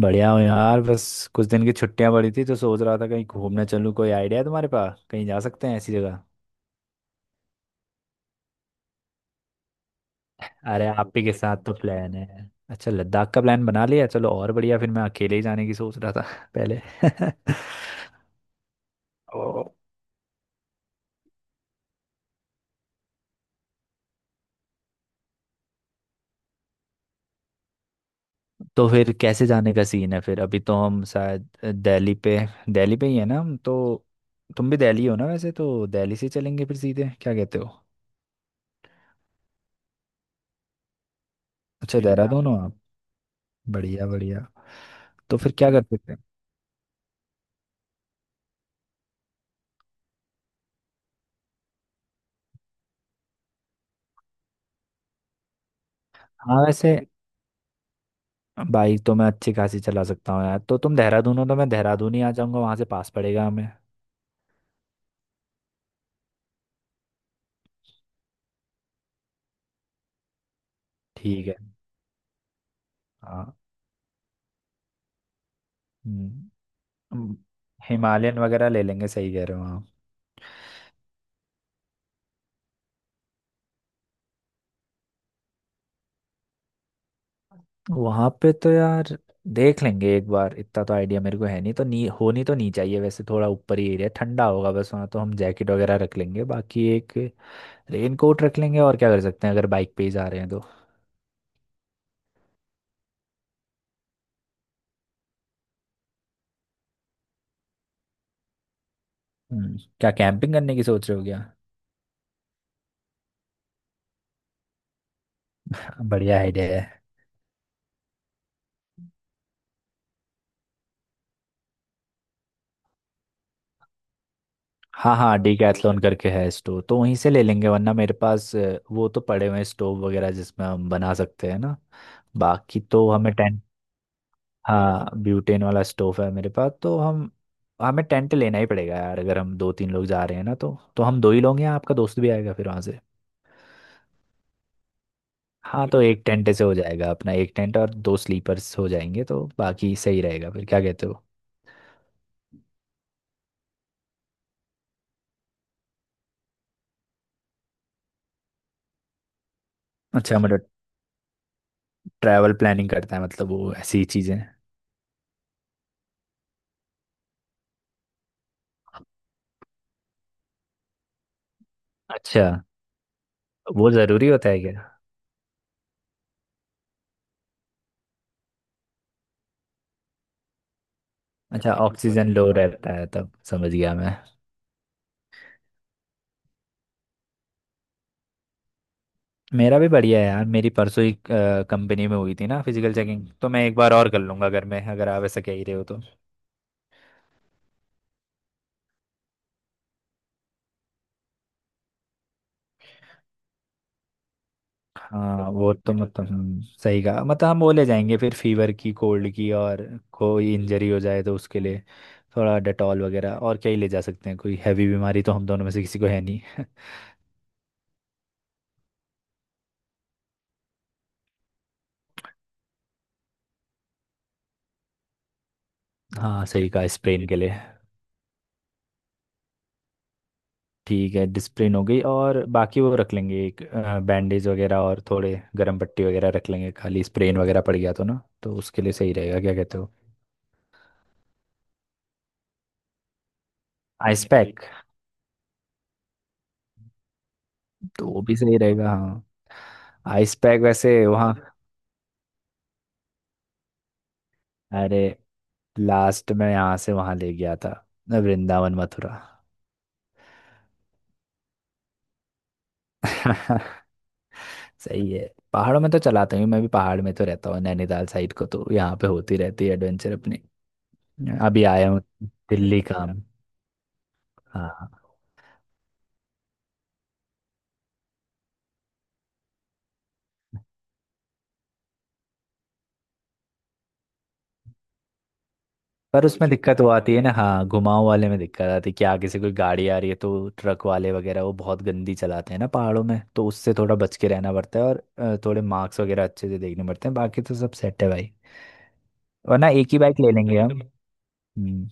बढ़िया हो यार। बस कुछ दिन की छुट्टियां पड़ी थी तो सोच रहा था कहीं घूमने चलूँ। कोई आइडिया है तुम्हारे पास, कहीं जा सकते हैं ऐसी जगह? अरे आप ही के साथ तो प्लान है। अच्छा, लद्दाख का प्लान बना लिया, चलो और बढ़िया। फिर मैं अकेले ही जाने की सोच रहा था पहले। तो फिर कैसे जाने का सीन है फिर? अभी तो हम शायद दिल्ली पे, दिल्ली पे ही है ना हम तो। तुम भी दिल्ली हो ना वैसे? तो दिल्ली से चलेंगे फिर सीधे, क्या कहते हो? अच्छा जी जी, आप देहरादून हो आप। बढ़िया बढ़िया। तो फिर क्या कर सकते हैं? हाँ वैसे बाइक तो मैं अच्छी खासी चला सकता हूँ यार। तो तुम देहरादून हो तो मैं देहरादून ही आ जाऊंगा, वहां से पास पड़ेगा हमें। ठीक है। हाँ। हम्म, हम्म, हिमालयन वगैरह ले लेंगे, सही कह रहे हो। हाँ वहां पे तो यार देख लेंगे एक बार, इतना तो आइडिया मेरे को है नहीं। तो नी होनी तो नहीं चाहिए वैसे, थोड़ा ऊपर ही एरिया ठंडा होगा बस। वहाँ तो हम जैकेट वगैरह रख लेंगे, बाकी एक रेन कोट रख लेंगे। और क्या कर सकते हैं अगर बाइक पे ही जा रहे हैं तो। क्या कैंपिंग करने की सोच रहे हो क्या? बढ़िया आइडिया है। हाँ हाँ, डीकैथलॉन करके है। स्टोव तो वहीं से ले लेंगे, वरना मेरे पास वो तो पड़े हुए हैं स्टोव वगैरह जिसमें हम बना सकते हैं ना। बाकी तो हमें टेंट। हाँ ब्यूटेन वाला स्टोव है मेरे पास। तो हम हमें टेंट लेना ही पड़ेगा यार। अगर हम दो तीन लोग जा रहे हैं ना तो, हम दो ही लोग हैं? आपका दोस्त भी आएगा फिर वहाँ से? हाँ तो एक टेंट से हो जाएगा अपना। एक टेंट और दो स्लीपर्स हो जाएंगे तो बाकी सही रहेगा फिर, क्या कहते हो? अच्छा, मतलब ट्रैवल प्लानिंग करता है मतलब वो, ऐसी ही चीज़ें। अच्छा, वो ज़रूरी होता है क्या? अच्छा, ऑक्सीजन लो रहता है, तब समझ गया मैं। मेरा भी बढ़िया है यार, मेरी परसों ही कंपनी में हुई थी ना फिजिकल चेकिंग। तो मैं एक बार और कर लूंगा घर में अगर आप ऐसा कह ही रहे हो तो। हाँ वो तो मतलब सही कहा। मतलब हम वो ले जाएंगे फिर, फीवर की, कोल्ड की। और कोई इंजरी हो जाए तो उसके लिए थोड़ा डेटॉल वगैरह। और क्या ही ले जा सकते हैं, कोई हैवी बीमारी तो हम दोनों में से किसी को है नहीं। हाँ सही कहा, स्प्रेन के लिए। ठीक है, डिस्प्रिन हो गई। और बाकी वो रख लेंगे एक बैंडेज वगैरह, और थोड़े गर्म पट्टी वगैरह रख लेंगे। खाली स्प्रेन वगैरह पड़ गया तो ना, तो उसके लिए सही रहेगा, क्या कहते हो? Ice pack. तो वो भी सही रहेगा हाँ। आइस पैक वैसे वहाँ। अरे लास्ट में यहाँ से वहाँ ले गया था, वृंदावन मथुरा। सही है। पहाड़ों में तो चलाता हूँ मैं भी, पहाड़ में तो रहता हूँ नैनीताल साइड को, तो यहाँ पे होती रहती है एडवेंचर अपनी। अभी आया हूँ दिल्ली काम। हाँ पर उसमें कुछ दिक्कत वो आती है ना, हाँ घुमाव वाले में दिक्कत आती है कि आगे से कोई गाड़ी आ रही है तो। ट्रक वाले वगैरह वो बहुत गंदी चलाते हैं ना पहाड़ों में, तो उससे थोड़ा बच के रहना पड़ता है। और थोड़े मार्क्स वगैरह अच्छे से देखने पड़ते हैं। बाकी तो सब सेट है भाई। वरना एक ही बाइक ले लेंगे हम। हम्म,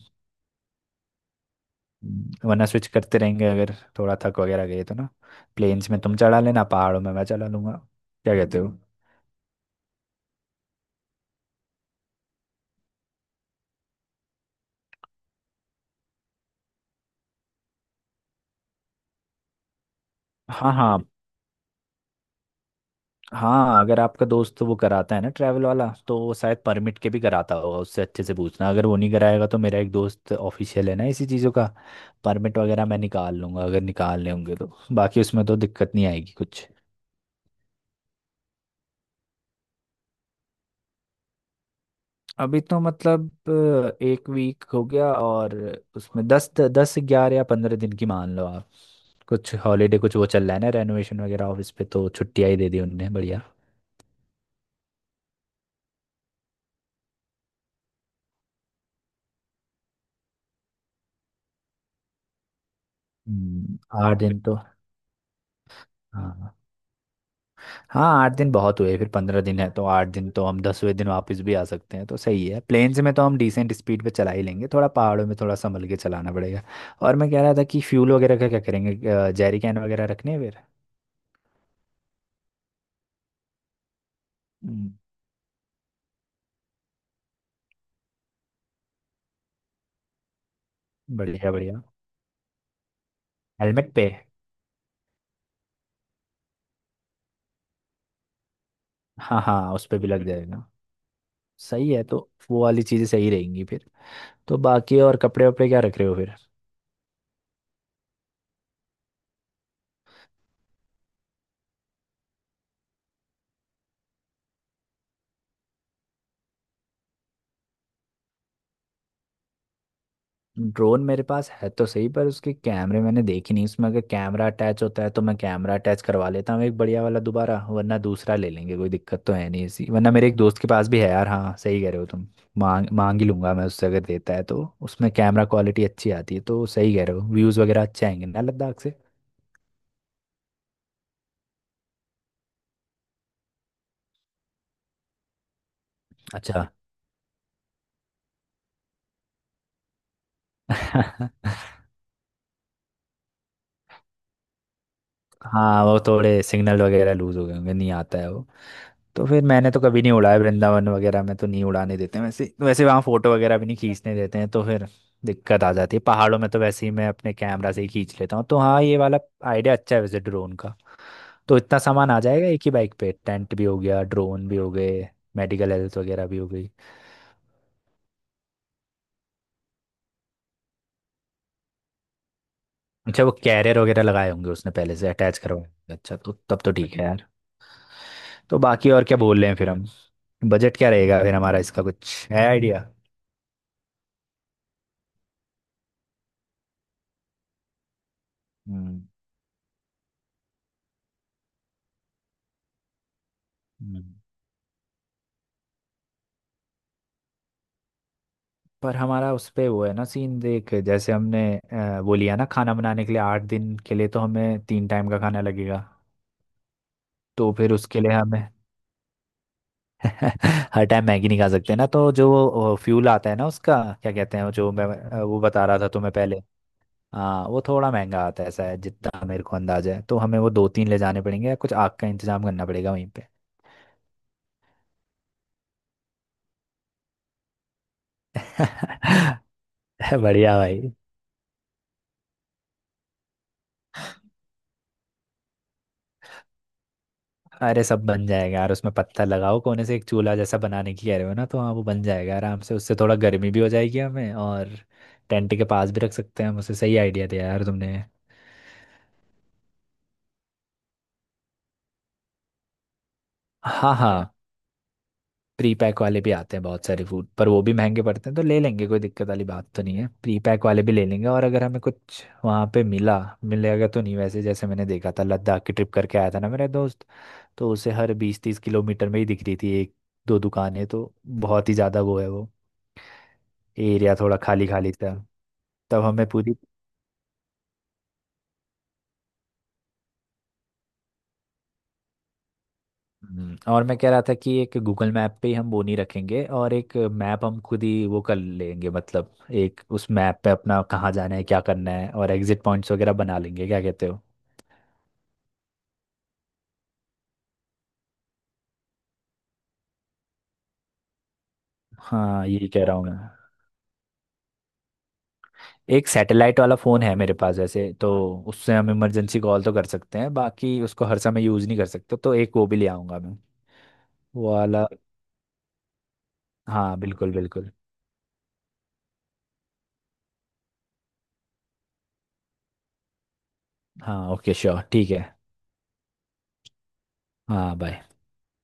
वरना स्विच करते रहेंगे अगर थोड़ा थक वगैरह गए तो ना। प्लेन्स में तुम चढ़ा लेना, पहाड़ों में मैं चला लूंगा, क्या कहते हो? हाँ हाँ। हाँ अगर आपका दोस्त वो कराता है ना ट्रैवल वाला, तो वो शायद परमिट के भी कराता होगा, उससे अच्छे से पूछना। अगर वो नहीं कराएगा तो मेरा एक दोस्त ऑफिशियल है ना इसी चीज़ों का, परमिट वगैरह मैं निकाल लूंगा अगर निकालने होंगे तो। बाकी उसमें तो दिक्कत नहीं आएगी कुछ। अभी तो मतलब 1 वीक हो गया, और उसमें दस दस ग्यारह या 15 दिन की मान लो आप। कुछ हॉलीडे, कुछ वो चल रहा है ना रेनोवेशन वगैरह ऑफिस पे, तो छुट्टियाँ ही दे दी उनने, बढ़िया। हम्म, 8 दिन तो। हाँ हाँ, 8 दिन बहुत हुए। फिर 15 दिन है तो 8 दिन तो, हम 10वें दिन वापस भी आ सकते हैं, तो सही है। प्लेन्स में तो हम डिसेंट स्पीड पे चला ही लेंगे, थोड़ा पहाड़ों में थोड़ा संभल के चलाना पड़ेगा। और मैं कह रहा था कि फ्यूल वगैरह का क्या करेंगे, जैरी कैन वगैरह रखने हैं फिर? हम्म, बढ़िया बढ़िया। हेलमेट पे। हाँ हाँ उस पे भी लग जाएगा। सही है तो। वो वाली चीज़ें सही रहेंगी फिर। तो बाकी और कपड़े वपड़े क्या रख रहे हो फिर? ड्रोन मेरे पास है तो सही, पर उसके कैमरे मैंने देखे नहीं। उसमें अगर कैमरा अटैच होता है तो मैं कैमरा अटैच करवा लेता हूँ एक बढ़िया वाला दोबारा, वरना दूसरा ले लेंगे, कोई दिक्कत तो है नहीं ऐसी। वरना मेरे एक दोस्त के पास भी है यार, हाँ सही कह रहे हो तुम। मांग मांग ही लूंगा मैं उससे, अगर देता है तो। उसमें कैमरा क्वालिटी अच्छी आती है, तो सही कह रहे हो, व्यूज़ वगैरह अच्छे आएंगे ना लद्दाख से। अच्छा। हाँ वो थोड़े सिग्नल वगैरह लूज हो गए होंगे, नहीं आता है वो। तो फिर मैंने तो कभी नहीं उड़ाया, वृंदावन वगैरह में तो नहीं उड़ाने देते हैं वैसे। वैसे वहाँ फोटो वगैरह भी नहीं खींचने देते हैं, तो फिर दिक्कत आ जाती है। पहाड़ों में तो वैसे ही मैं अपने कैमरा से ही खींच लेता हूँ, तो हाँ ये वाला आइडिया अच्छा है वैसे ड्रोन का। तो इतना सामान आ जाएगा एक ही बाइक पे? टेंट भी हो गया, ड्रोन भी हो गए, मेडिकल हेल्थ वगैरह भी हो गई। अच्छा वो कैरियर वगैरह लगाए होंगे उसने, पहले से अटैच करवाए होंगे। अच्छा तो तब तो ठीक है यार। तो बाकी और क्या बोल रहे हैं फिर हम, बजट क्या रहेगा फिर हमारा? इसका कुछ है आइडिया? हम्म हम्म। पर हमारा उस पे वो है ना सीन, देख जैसे हमने वो लिया ना खाना बनाने के लिए, 8 दिन के लिए तो हमें 3 टाइम का खाना लगेगा। तो फिर उसके लिए हमें हर टाइम मैगी नहीं खा सकते ना। तो जो फ्यूल आता है ना उसका, क्या कहते हैं वो, जो मैं वो बता रहा था तुम्हें पहले। हाँ वो थोड़ा महंगा आता है ऐसा है, जितना मेरे को अंदाजा है। तो हमें वो दो तीन ले जाने पड़ेंगे, या कुछ आग का इंतजाम करना पड़ेगा वहीं पे। बढ़िया भाई। अरे सब बन जाएगा यार, उसमें पत्थर लगाओ कोने से, एक चूल्हा जैसा बनाने की कह रहे हो ना, तो हाँ वो बन जाएगा आराम से। उससे थोड़ा गर्मी भी हो जाएगी हमें, और टेंट के पास भी रख सकते हैं हम उसे। सही आइडिया दिया यार तुमने। हाँ हाँ, प्री पैक वाले भी आते हैं बहुत सारे फूड, पर वो भी महंगे पड़ते हैं। तो ले लेंगे, कोई दिक्कत वाली बात तो नहीं है, प्री पैक वाले भी ले लेंगे। और अगर हमें कुछ वहाँ पे मिला, मिलेगा तो नहीं वैसे, जैसे मैंने देखा था लद्दाख की ट्रिप करके आया था ना मेरा दोस्त, तो उसे हर 20-30 किलोमीटर में ही दिख रही थी एक दो दुकानें तो। बहुत ही ज़्यादा वो है वो, एरिया थोड़ा खाली खाली था। तब हमें पूरी। और मैं कह रहा था कि एक गूगल मैप पे ही हम बोनी रखेंगे, और एक मैप हम खुद ही वो कर लेंगे, मतलब एक उस मैप पे अपना कहाँ जाना है, क्या करना है, और एग्जिट पॉइंट्स वगैरह बना लेंगे, क्या कहते हो? हाँ यही कह रहा हूँ मैं। एक सैटेलाइट वाला फ़ोन है मेरे पास वैसे तो, उससे हम इमरजेंसी कॉल तो कर सकते हैं, बाकी उसको हर समय यूज़ नहीं कर सकते। तो एक वो भी ले आऊँगा मैं। वो वाला। हाँ बिल्कुल बिल्कुल। हाँ ओके श्योर, ठीक है। हाँ बाय।